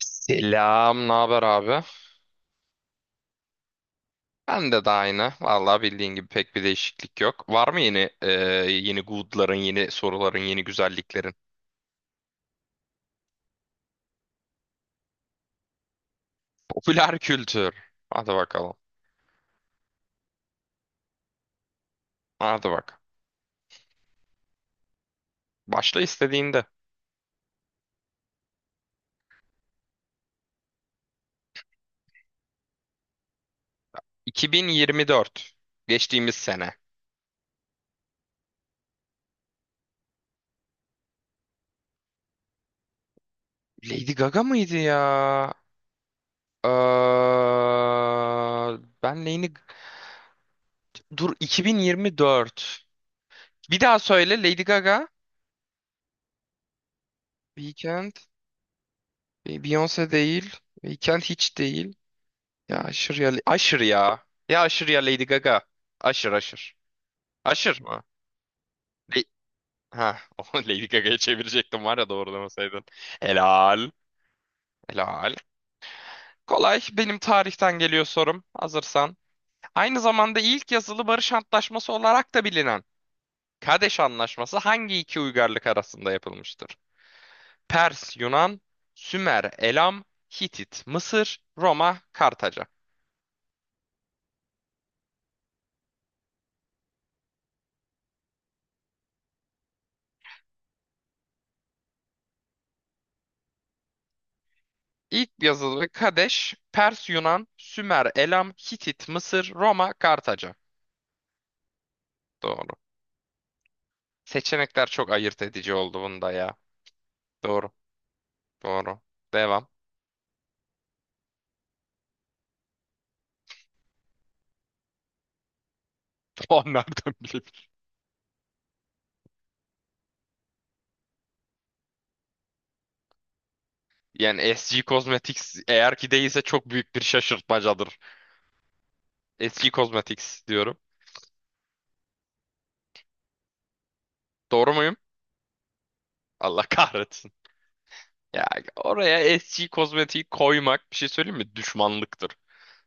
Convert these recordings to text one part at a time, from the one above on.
Selam, ne haber abi? Ben de aynı. Vallahi bildiğin gibi pek bir değişiklik yok. Var mı yeni good'ların, yeni soruların, yeni güzelliklerin? Popüler kültür. Hadi bakalım. Hadi bak. Başla istediğinde. 2024. Geçtiğimiz sene. Lady Gaga mıydı ya? Ee, ben Lady... Dur 2024. Bir daha söyle Lady Gaga. Weekend. Beyoncé değil. Weekend hiç değil. Ya aşır ya. Aşır ya. Ya aşır ya Lady Gaga. Aşır aşır. Aşır mı? Le- ha, o Lady Gaga'ya çevirecektim var ya doğrulamasaydın. Helal. Helal. Kolay. Benim tarihten geliyor sorum. Hazırsan. Aynı zamanda ilk yazılı barış antlaşması olarak da bilinen Kadeş Anlaşması hangi iki uygarlık arasında yapılmıştır? Pers, Yunan, Sümer, Elam, Hitit, Mısır, Roma, Kartaca. İlk yazılı Kadeş, Pers, Yunan, Sümer, Elam, Hitit, Mısır, Roma, Kartaca. Doğru. Seçenekler çok ayırt edici oldu bunda ya. Doğru. Doğru. Devam. O nereden bileyim? Yani SG Cosmetics eğer ki değilse çok büyük bir şaşırtmacadır. SG Cosmetics diyorum. Doğru muyum? Allah kahretsin. Ya oraya SG Cosmetics koymak bir şey söyleyeyim mi? Düşmanlıktır.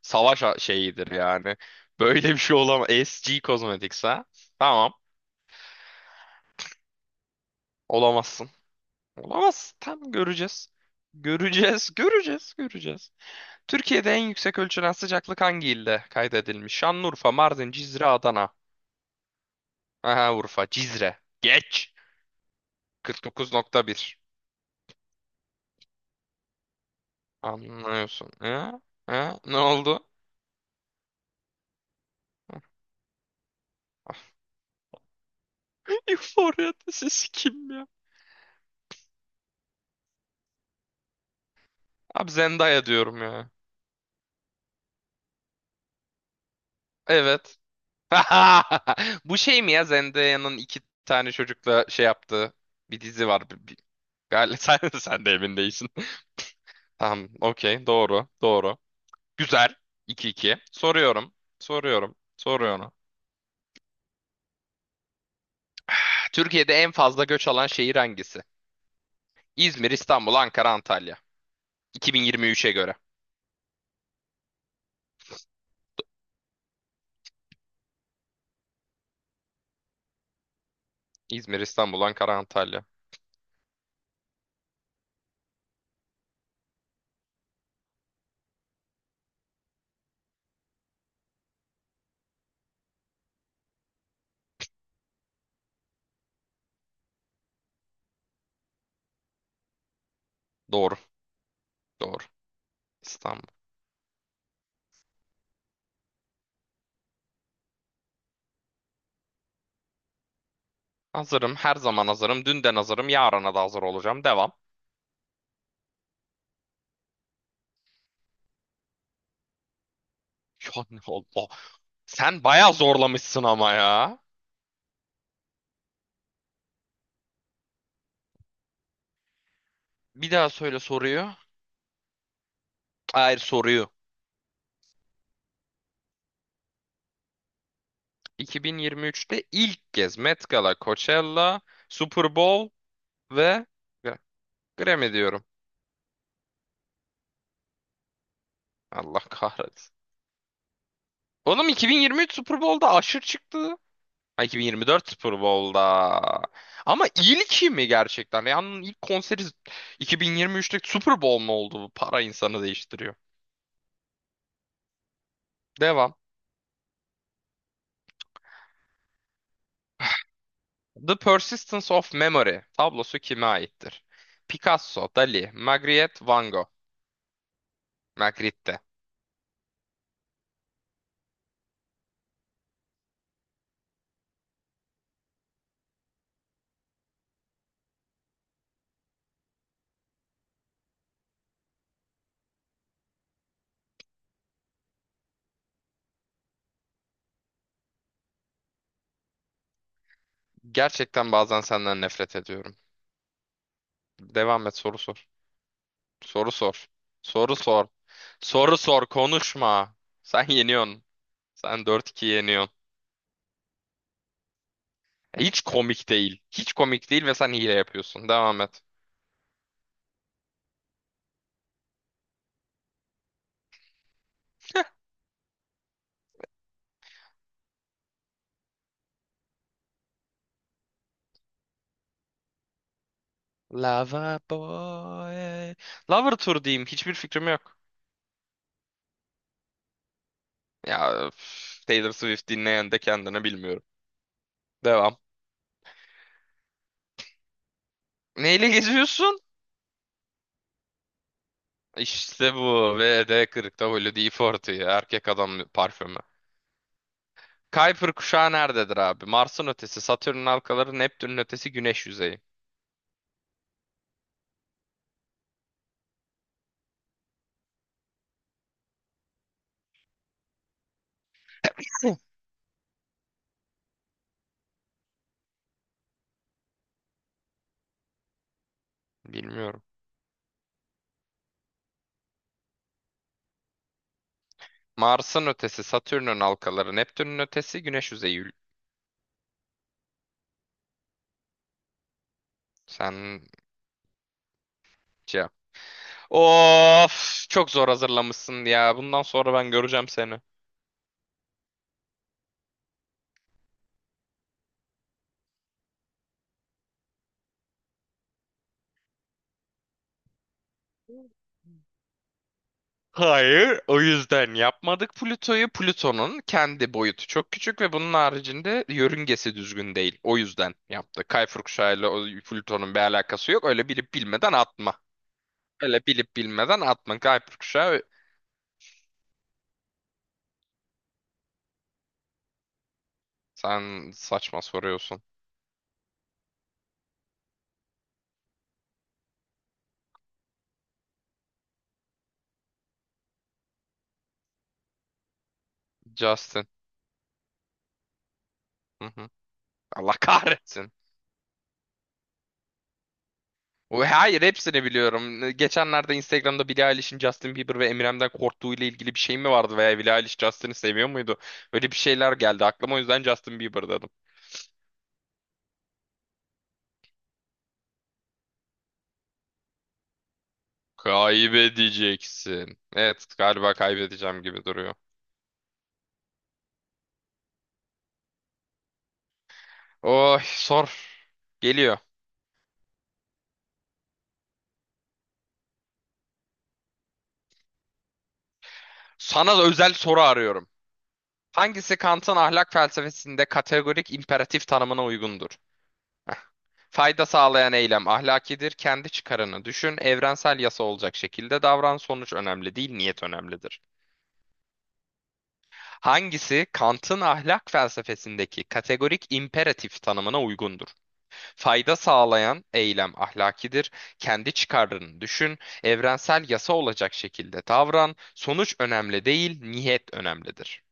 Savaş a- şeyidir yani. Böyle bir şey olamaz. SG Cosmetics ha? Tamam. Olamazsın. Olamaz. Tam göreceğiz. Göreceğiz, göreceğiz, göreceğiz. Türkiye'de en yüksek ölçülen sıcaklık hangi ilde kaydedilmiş? Şanlıurfa, Mardin, Cizre, Adana. Aha Urfa, Cizre. Geç. 49,1. Anlıyorsun. Ha? Ha? Ne oldu? Euphoria'da sesi kim ya? Abi Zendaya diyorum ya. Evet. Bu şey mi ya Zendaya'nın iki tane çocukla şey yaptığı bir dizi var. Galiba sen de emin değilsin. Tamam, okey, doğru, doğru. Güzel. 2-2. Soruyorum, soruyorum, soruyorum. Türkiye'de en fazla göç alan şehir hangisi? İzmir, İstanbul, Ankara, Antalya. 2023'e göre. İzmir, İstanbul, Ankara, Antalya. Doğru, doğru. İstanbul. Hazırım, her zaman hazırım. Dünden hazırım, yarına da hazır olacağım. Devam. Ya ne Allah. Sen bayağı zorlamışsın ama ya. Bir daha söyle soruyu. Hayır soruyu. 2023'te ilk kez Met Gala, Coachella, Super Bowl. Ve Gra- Grammy diyorum. Allah kahretsin. Oğlum 2023 Super Bowl'da Usher çıktı. Ha, 2024 Super Bowl'da. Ama ilki mi gerçekten? Yani ilk konseri 2023'te Super Bowl mu oldu? Bu para insanı değiştiriyor. Devam. The Persistence of Memory tablosu kime aittir? Picasso, Dali, Magritte, Van Gogh. Magritte. Gerçekten bazen senden nefret ediyorum. Devam et, soru sor. Soru sor. Soru sor. Soru sor, konuşma. Sen yeniyorsun. Sen dört 2 yeniyorsun. Hiç komik değil. Hiç komik değil ve sen hile yapıyorsun. Devam et. Lava boy. Lover Tour diyeyim. Hiçbir fikrim yok. Ya üf, Taylor Swift dinleyen de kendini bilmiyorum. Devam. Neyle geziyorsun? İşte bu. VD40'da Holiday 40 Erkek adam parfümü. Kuiper kuşağı nerededir abi? Mars'ın ötesi, Satürn'ün halkaları, Neptün'ün ötesi, Güneş yüzeyi. Bilmiyorum. Mars'ın ötesi, Satürn'ün halkaları, Neptün'ün ötesi, Güneş yüzeyi. Ül- sen cevap. Of, çok zor hazırlamışsın ya. Bundan sonra ben göreceğim seni. Hayır, o yüzden yapmadık Plüto'yu. Plüton'un kendi boyutu çok küçük ve bunun haricinde yörüngesi düzgün değil. O yüzden yaptık. Kayfur kuşağıyla o Plüton'un bir alakası yok. Öyle bilip bilmeden atma. Öyle bilip bilmeden atma. Kayfur kuşağı, sen saçma soruyorsun. Justin. Hı hı. Allah kahretsin. O- hayır, hepsini biliyorum. Geçenlerde Instagram'da Billie Eilish'in Justin Bieber ve Eminem'den korktuğu ile ilgili bir şey mi vardı veya Billie Eilish Justin'i seviyor muydu? Öyle bir şeyler geldi aklıma, o yüzden Justin Bieber dedim. Kaybedeceksin. Evet, galiba kaybedeceğim gibi duruyor. Oh sor, geliyor. Sana da özel soru arıyorum. Hangisi Kant'ın ahlak felsefesinde kategorik imperatif tanımına uygundur? Heh. Fayda sağlayan eylem ahlakidir. Kendi çıkarını düşün. Evrensel yasa olacak şekilde davran. Sonuç önemli değil, niyet önemlidir. Hangisi Kant'ın ahlak felsefesindeki kategorik imperatif tanımına uygundur? Fayda sağlayan eylem ahlakidir. Kendi çıkarlarını düşün, evrensel yasa olacak şekilde davran. Sonuç önemli değil, niyet önemlidir.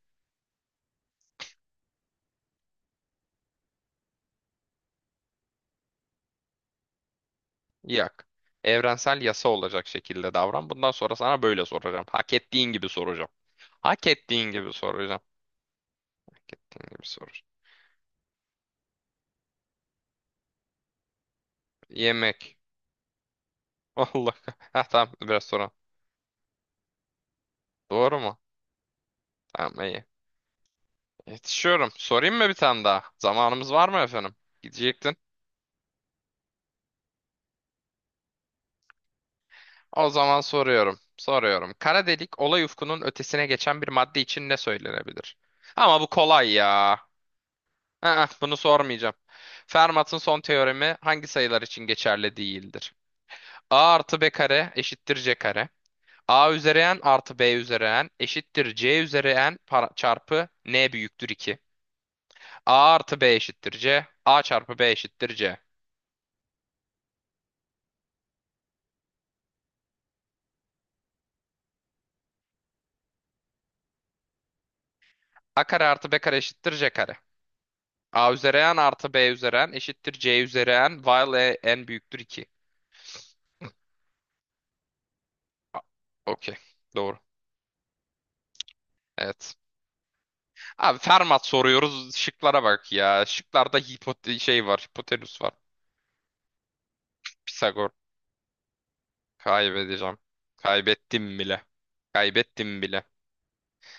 Yak. Evrensel yasa olacak şekilde davran. Bundan sonra sana böyle soracağım. Hak ettiğin gibi soracağım. Hak ettiğin gibi soracağım. Hak ettiğin gibi soracağım. Yemek. Allah. Ha tamam, biraz sonra. Doğru mu? Tamam iyi. Yetişiyorum. Sorayım mı bir tane daha? Zamanımız var mı efendim? Gidecektin. O zaman soruyorum. Soruyorum. Kara delik olay ufkunun ötesine geçen bir madde için ne söylenebilir? Ama bu kolay ya. Aa, bunu sormayacağım. Fermat'ın son teoremi hangi sayılar için geçerli değildir? A artı B kare eşittir C kare. A üzeri n artı B üzeri n eşittir C üzeri n para- çarpı n büyüktür 2. A artı B eşittir C. A çarpı B eşittir C. A kare artı B kare eşittir C kare. A üzeri n artı b üzeri n eşittir c üzeri n while e- n büyüktür 2. A- okey. Doğru. Evet. Abi Fermat soruyoruz. Şıklara bak ya. Şıklarda hipote şey var. Hipotenüs var. Pisagor. Kaybedeceğim. Kaybettim bile. Kaybettim bile.